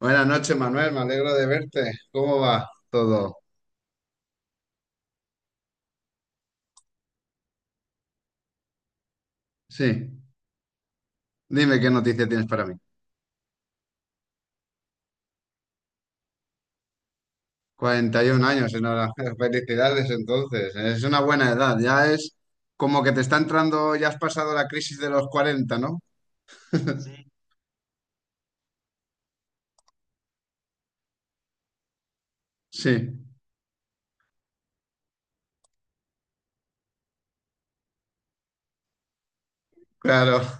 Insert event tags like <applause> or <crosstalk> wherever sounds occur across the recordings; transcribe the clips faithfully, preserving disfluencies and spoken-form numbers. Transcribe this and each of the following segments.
Buenas noches, Manuel, me alegro de verte. ¿Cómo va todo? Sí, dime qué noticia tienes para mí. cuarenta y un años, enhorabuena. <laughs> Felicidades entonces. Es una buena edad, ya es como que te está entrando, ya has pasado la crisis de los cuarenta, ¿no? <laughs> Sí, claro.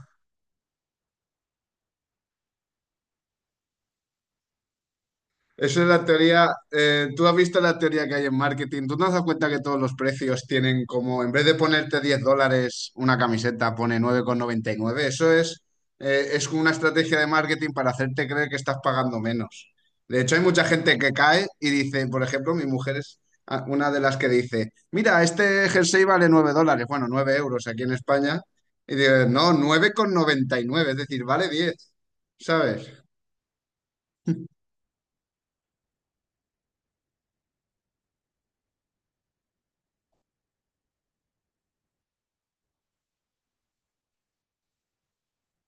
Esa es la teoría. Eh, tú has visto la teoría que hay en marketing. ¿Tú no has dado cuenta que todos los precios tienen como, en vez de ponerte diez dólares una camiseta, pone nueve con noventa y nueve? Eso es, eh, es una estrategia de marketing para hacerte creer que estás pagando menos. De hecho, hay mucha gente que cae y dice, por ejemplo, mi mujer es ah, una de las que dice, mira, este jersey vale nueve dólares, bueno, nueve euros aquí en España. Y digo, no, nueve con noventa y nueve. Es decir, vale diez, ¿sabes?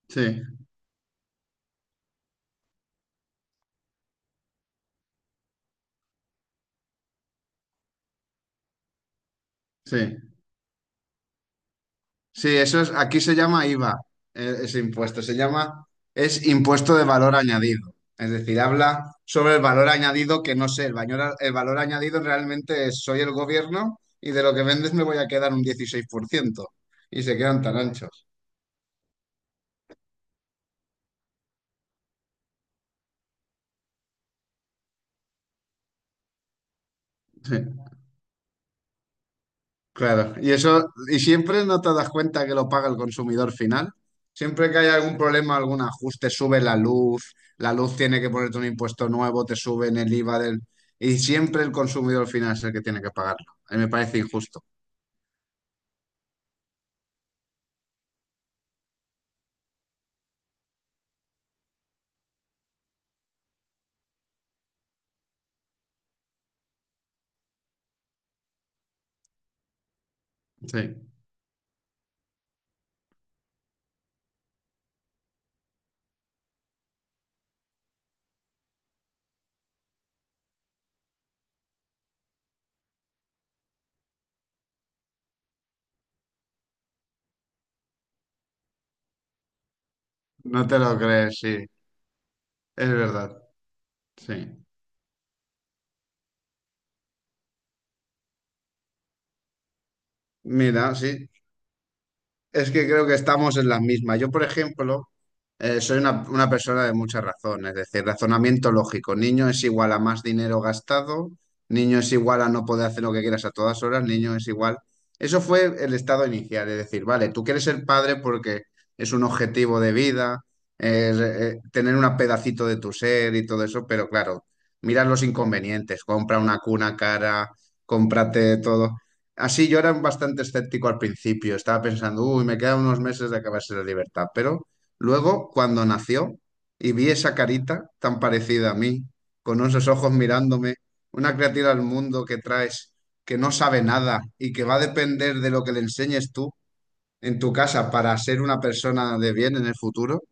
Sí, sí. Sí, eso es, aquí se llama IVA, eh, ese impuesto, se llama, es impuesto de valor añadido. Es decir, habla sobre el valor añadido que no sé, el valor, el valor añadido realmente es soy el gobierno y de lo que vendes me voy a quedar un dieciséis por ciento. Y se quedan tan anchos. Claro, y eso, y siempre no te das cuenta que lo paga el consumidor final. Siempre que hay algún problema, algún ajuste, sube la luz, la luz tiene que ponerte un impuesto nuevo, te suben el IVA del... Y siempre el consumidor final es el que tiene que pagarlo. A mí me parece injusto. Sí. No te lo crees, sí. Es verdad. Sí. Mira, sí. Es que creo que estamos en las mismas. Yo, por ejemplo, eh, soy una, una persona de mucha razón, es decir, razonamiento lógico. Niño es igual a más dinero gastado, niño es igual a no poder hacer lo que quieras a todas horas, niño es igual. Eso fue el estado inicial, es decir, vale, tú quieres ser padre porque es un objetivo de vida, es, eh, tener un pedacito de tu ser y todo eso, pero claro, miras los inconvenientes, compra una cuna cara, cómprate todo. Así yo era bastante escéptico al principio, estaba pensando, uy, me quedan unos meses de acabarse la libertad, pero luego cuando nació y vi esa carita tan parecida a mí, con esos ojos mirándome, una criatura al mundo que traes, que no sabe nada y que va a depender de lo que le enseñes tú en tu casa para ser una persona de bien en el futuro,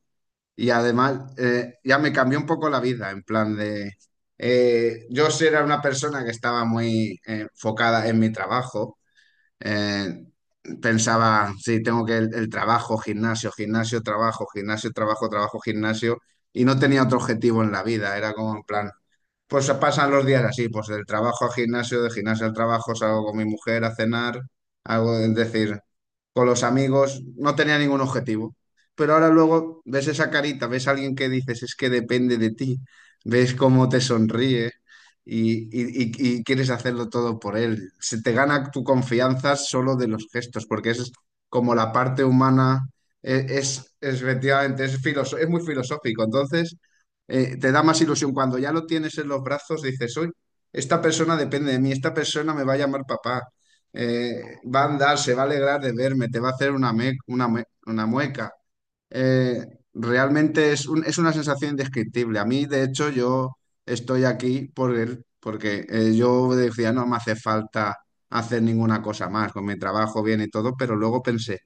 y además eh, ya me cambió un poco la vida, en plan de... eh, yo sí era una persona que estaba muy eh, enfocada en mi trabajo. eh, pensaba, sí, tengo que el, el trabajo, gimnasio, gimnasio, trabajo, gimnasio, trabajo, trabajo, gimnasio, y no tenía otro objetivo en la vida, era como en plan, pues pasan los días así, pues del trabajo al gimnasio, del gimnasio al trabajo, salgo con mi mujer a cenar, algo, es decir, con los amigos, no tenía ningún objetivo. Pero ahora luego ves esa carita, ves a alguien que dices, es que depende de ti, ves cómo te sonríe y, y- y- y quieres hacerlo todo por él. Se te gana tu confianza solo de los gestos, porque es como la parte humana, e- es, es, efectivamente, es, filoso- es muy filosófico. Entonces eh, te da más ilusión. Cuando ya lo tienes en los brazos, dices, hoy, esta persona depende de mí, esta persona me va a llamar papá, eh, va a andar, se va a alegrar de verme, te va a hacer una, me- una, mue- una mueca. Eh, realmente es, un- es una sensación indescriptible. A mí, de hecho, yo estoy aquí por él, porque eh, yo decía, no me hace falta hacer ninguna cosa más, con mi trabajo bien y todo, pero luego pensé,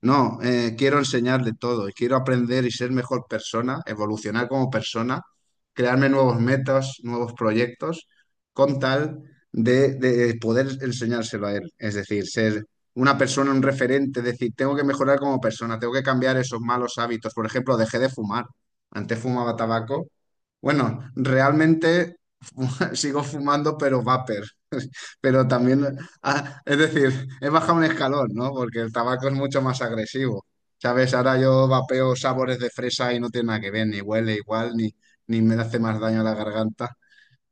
no, eh, quiero enseñarle todo y quiero aprender y ser mejor persona, evolucionar como persona, crearme nuevos metas, nuevos proyectos, con tal de, de poder enseñárselo a él. Es decir, ser una persona, un referente, decir, tengo que mejorar como persona, tengo que cambiar esos malos hábitos. Por ejemplo, dejé de fumar. Antes fumaba tabaco. Bueno, realmente <laughs> sigo fumando, pero vapor. <laughs> Pero también ah, es decir, he bajado un escalón, ¿no? Porque el tabaco es mucho más agresivo. ¿Sabes? Ahora yo vapeo sabores de fresa y no tiene nada que ver, ni huele igual, ni, ni me hace más daño a la garganta.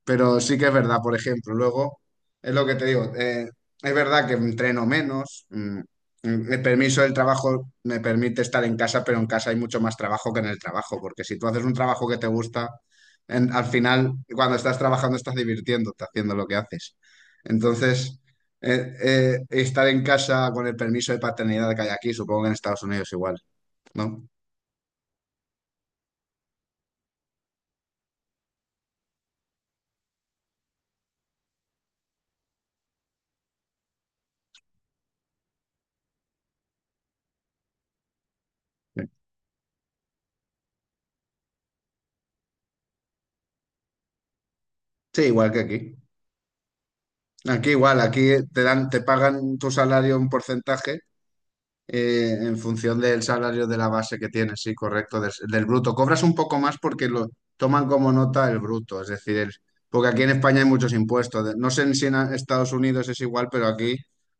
Pero sí que es verdad, por ejemplo, luego es lo que te digo, eh, es verdad que entreno menos, mm, mm, el permiso del trabajo me permite estar en casa, pero en casa hay mucho más trabajo que en el trabajo, porque si tú haces un trabajo que te gusta, en- al final cuando estás trabajando estás divirtiéndote haciendo lo que haces. Entonces, eh, eh, estar en casa con el permiso de paternidad que hay aquí, supongo que en Estados Unidos igual, ¿no? Sí, igual que aquí. Aquí igual, aquí te dan, te pagan tu salario un porcentaje. Eh, en función del salario de la base que tienes, sí, correcto, del, del bruto. Cobras un poco más porque lo toman como nota el bruto, es decir, el- porque aquí en España hay muchos impuestos. De- No sé en- si en a- Estados Unidos es igual, pero aquí,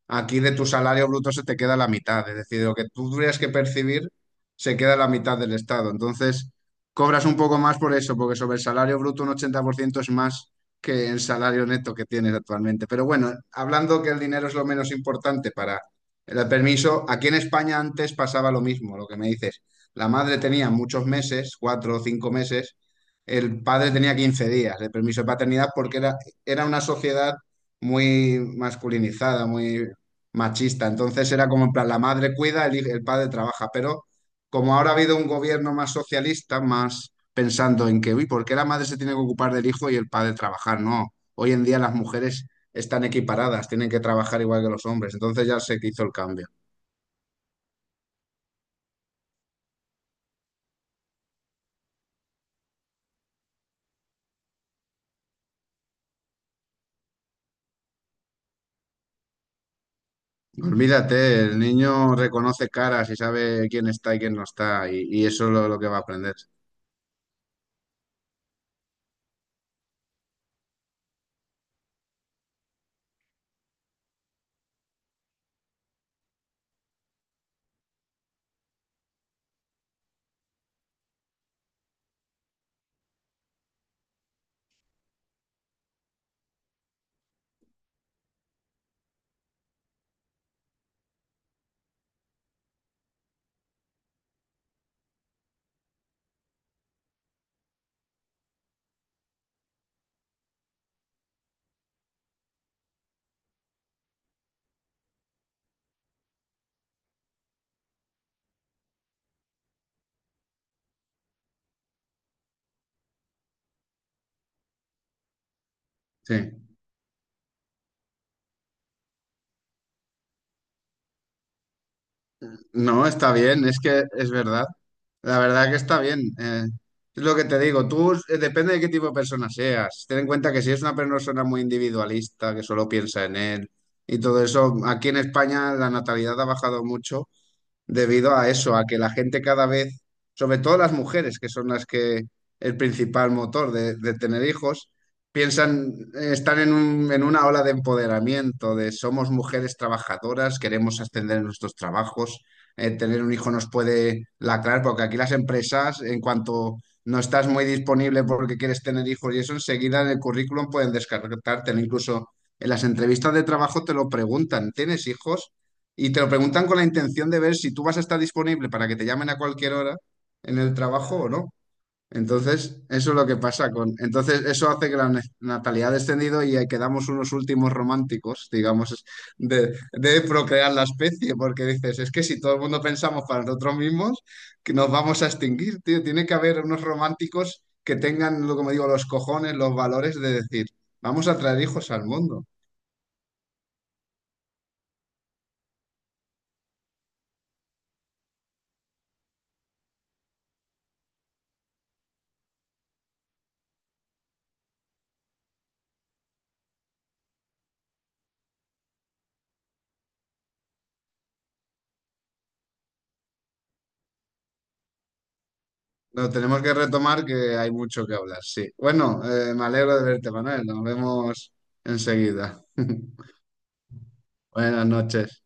aquí de tu salario bruto se te queda la mitad, es decir, lo que tú tendrías que percibir se queda la mitad del Estado. Entonces, cobras un poco más por eso, porque sobre el salario bruto un ochenta por ciento es más que el salario neto que tienes actualmente. Pero bueno, hablando que el dinero es lo menos importante para el permiso, aquí en España antes pasaba lo mismo, lo que me dices. La madre tenía muchos meses, cuatro o cinco meses, el padre tenía quince días de permiso de paternidad porque era, era una sociedad muy masculinizada, muy machista. Entonces era como en plan, la madre cuida, el, hij- el padre trabaja. Pero como ahora ha habido un gobierno más socialista, más pensando en que, uy, ¿por qué la madre se tiene que ocupar del hijo y el padre trabajar? No, hoy en día las mujeres están equiparadas, tienen que trabajar igual que los hombres. Entonces ya sé que hizo el cambio. Olvídate, el niño reconoce caras y sabe quién está y quién no está, y, y eso es lo, lo que va a aprender. Sí. No, está bien, es que es verdad. La verdad que está bien. eh. Es lo que te digo, tú eh, depende de qué tipo de persona seas. Ten en cuenta que si es una persona muy individualista, que solo piensa en él y todo eso, aquí en España la natalidad ha bajado mucho debido a eso, a que la gente cada vez, sobre todo las mujeres, que son las que el principal motor de, de tener hijos, piensan, eh, están en un- en una ola de empoderamiento, de somos mujeres trabajadoras, queremos ascender en nuestros trabajos, eh, tener un hijo nos puede lacrar, porque aquí las empresas, en cuanto no estás muy disponible porque quieres tener hijos y eso, enseguida en el currículum pueden descartártelo, incluso en las entrevistas de trabajo te lo preguntan, ¿tienes hijos? Y te lo preguntan con la intención de ver si tú vas a estar disponible para que te llamen a cualquier hora en el trabajo o no. Entonces, eso es lo que pasa con... Entonces, eso hace que la ne- natalidad ha descendido y ahí quedamos unos últimos románticos, digamos, es- de, de procrear la especie, porque dices, es que si todo el mundo pensamos para nosotros mismos, que nos vamos a extinguir, tío. Tiene que haber unos románticos que tengan, lo como digo, los cojones, los valores de decir, vamos a traer hijos al mundo. Lo tenemos que retomar que hay mucho que hablar, sí. Bueno, eh, me alegro de verte, Manuel. Nos vemos enseguida. <laughs> Buenas noches.